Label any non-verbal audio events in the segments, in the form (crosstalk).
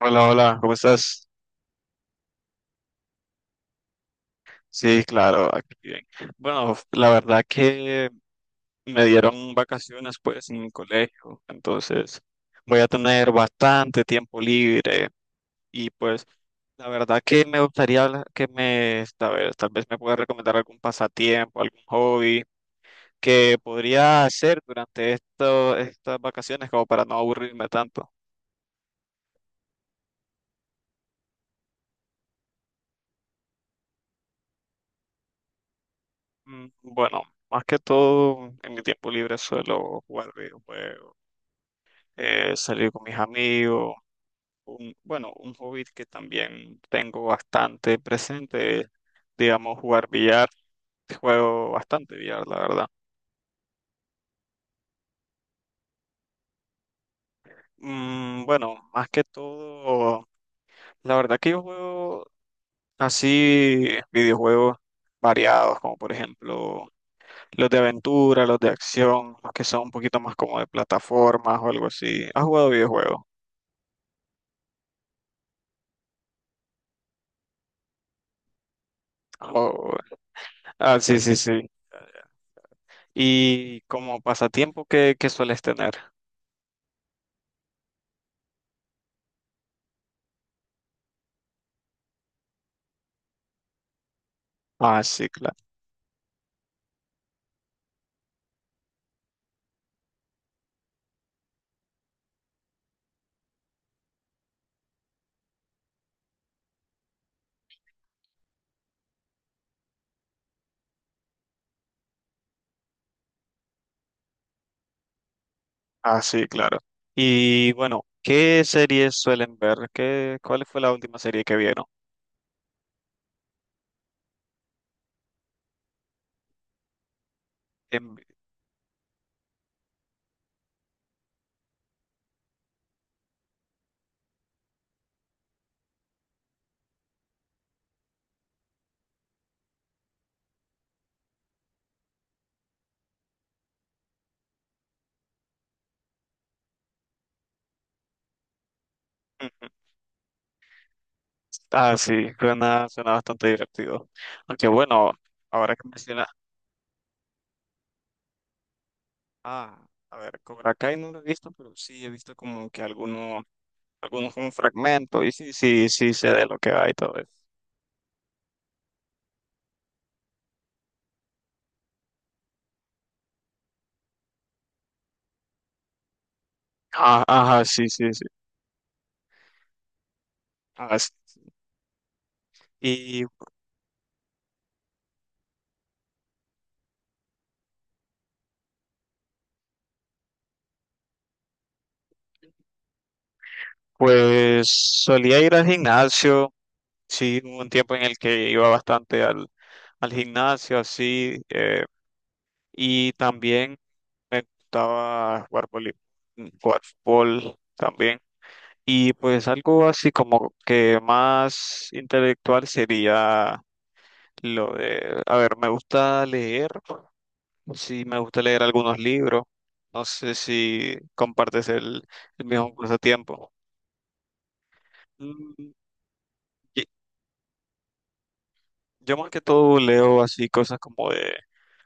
Hola, hola, ¿cómo estás? Sí, claro, aquí bien. Bueno, la verdad que me dieron vacaciones pues en el colegio, entonces voy a tener bastante tiempo libre y pues la verdad que me gustaría que me, tal vez me pueda recomendar algún pasatiempo, algún hobby que podría hacer durante esto, estas vacaciones como para no aburrirme tanto. Bueno, más que todo en mi tiempo libre suelo jugar videojuegos salir con mis amigos. Bueno, un hobby que también tengo bastante presente, digamos, jugar billar. Juego bastante billar, la verdad. Bueno, más que todo, la verdad que yo juego así videojuegos variados, como por ejemplo los de aventura, los de acción, los que son un poquito más como de plataformas o algo así. ¿Has jugado videojuegos? Oh, ah, sí, sí, sí. ¿Y como pasatiempo qué sueles tener? Ah, sí, claro. Ah, sí, claro. Y bueno, ¿qué series suelen ver? ¿Cuál fue la última serie que vieron? En- Ujú. Ah, sí, suena bastante divertido. Aunque bueno, ahora que menciona, ah, a ver, Cobra Kai no lo he visto, pero sí he visto como que algunos algunos como fragmentos y sí, sí, sí sé de lo que va y todo eso. Ah, ajá, sí, sí, sí. Ah, sí. Sí. Y pues solía ir al gimnasio. Sí, hubo un tiempo en el que iba bastante al gimnasio, así, y también me gustaba jugar jugar fútbol también. Y pues algo así como que más intelectual sería lo de, a ver, me gusta leer, sí, me gusta leer algunos libros, no sé si compartes el mismo pasatiempo. Mm, y- Yo más que todo leo así cosas como de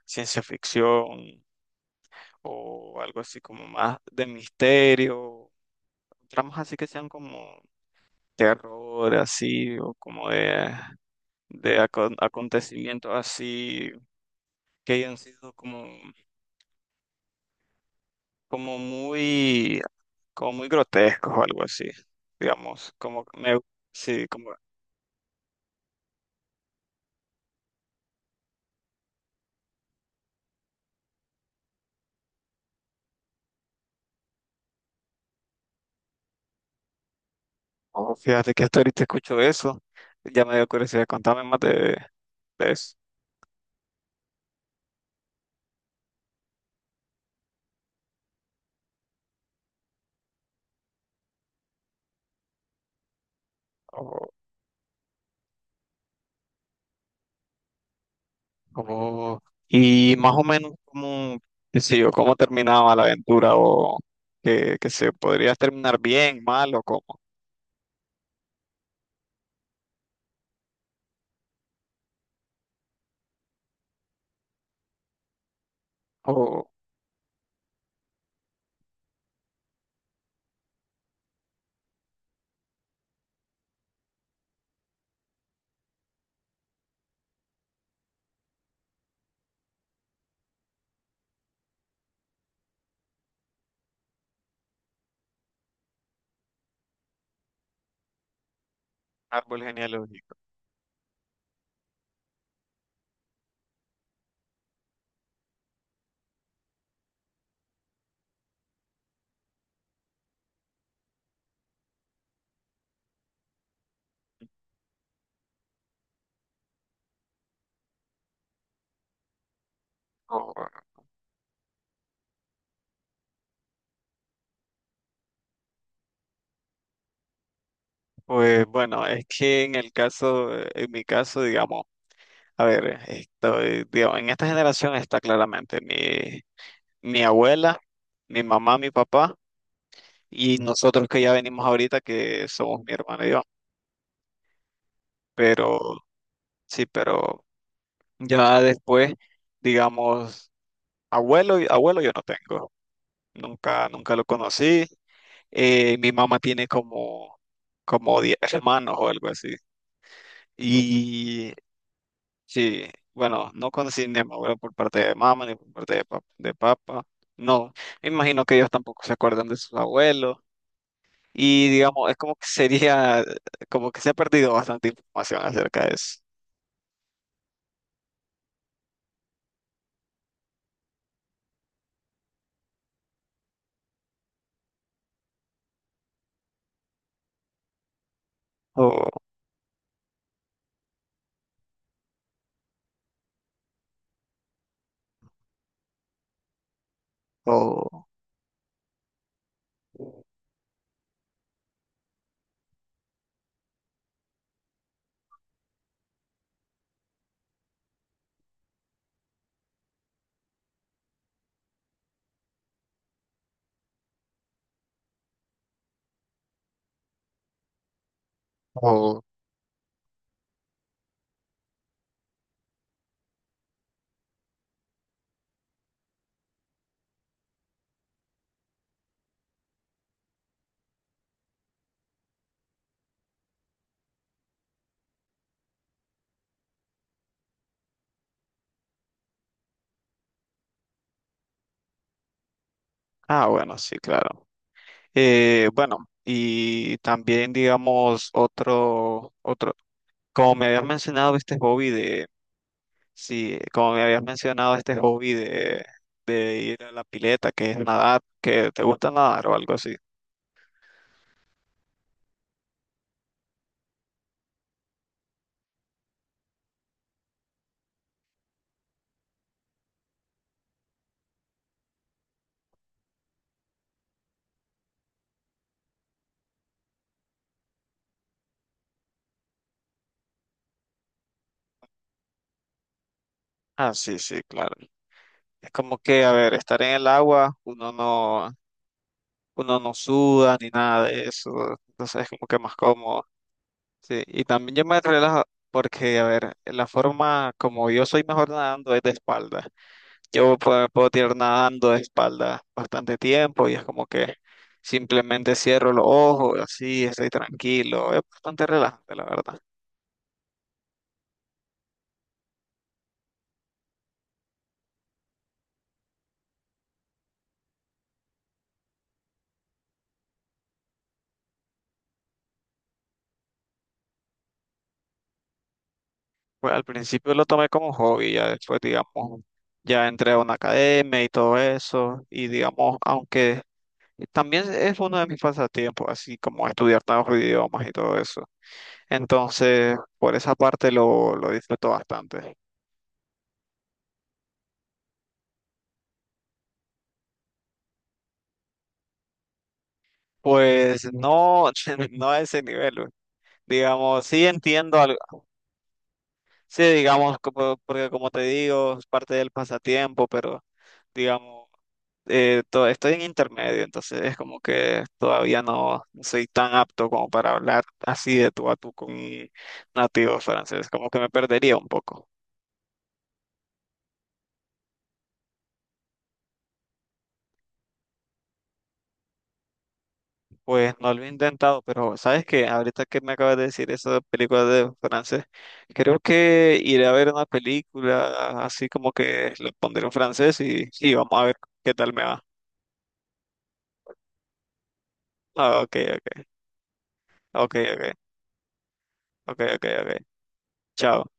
ciencia ficción, o algo así como más de misterio, tramos así que sean como terror, así, o como de acontecimientos así que hayan sido como, como muy, como muy grotescos o algo así, digamos, como me, sí, como, oh, fíjate que hasta ahorita escucho eso, ya me dio curiosidad, contame más de eso. Oh, y más o menos cómo, qué sé yo, cómo terminaba la aventura o que se podría terminar bien, mal o cómo, o árbol genealógico. o- pues bueno, es que en el caso, en mi caso, digamos, a ver, estoy, digamos, en esta generación está claramente mi, mi abuela, mi mamá, mi papá y nosotros que ya venimos ahorita que somos mi hermano y yo, pero sí, pero ya después digamos. Abuelo, abuelo yo no tengo. Nunca, nunca lo conocí. Mi mamá tiene como, como 10 hermanos o algo así. Y sí, bueno, no conocí ni a mi abuelo por parte de mamá ni por parte de, de papá. No, me imagino que ellos tampoco se acuerdan de sus abuelos. Y digamos, es como que sería, como que se ha perdido bastante información acerca de eso. O, o, o- ah, bueno, sí, claro. Bueno, y también digamos otro, como me habías mencionado este hobby de, sí, como me habías mencionado este hobby de ir a la pileta, que es nadar, que te gusta nadar o algo así. Ah, sí, sí, claro. Es como que, a ver, estar en el agua, uno no suda ni nada de eso, entonces es como que más cómodo. Sí, y también yo me relajo porque, a ver, la forma como yo soy mejor nadando es de espalda. Yo puedo, puedo tirar nadando de espalda bastante tiempo y es como que simplemente cierro los ojos, así estoy tranquilo. Es bastante relajante, la verdad. Pues al principio lo tomé como un hobby, ya después, digamos, ya entré a una academia y todo eso. Y digamos, aunque también es uno de mis pasatiempos, así como estudiar nuevos idiomas y todo eso. Entonces, por esa parte lo disfruto bastante. Pues no, (laughs) no a ese nivel. Digamos, sí entiendo. Sí, digamos, porque como te digo, es parte del pasatiempo, pero digamos, estoy en intermedio, entonces es como que todavía no soy tan apto como para hablar así de tú a tú con un nativo francés, como que me perdería un poco. Pues no lo he intentado, pero sabes que ahorita que me acabas de decir eso de películas de francés, creo que iré a ver una película así como que le pondré un francés y vamos a ver qué tal me va. Ah, ok, ok, ok, ok. Ok, ok, ok. Chao.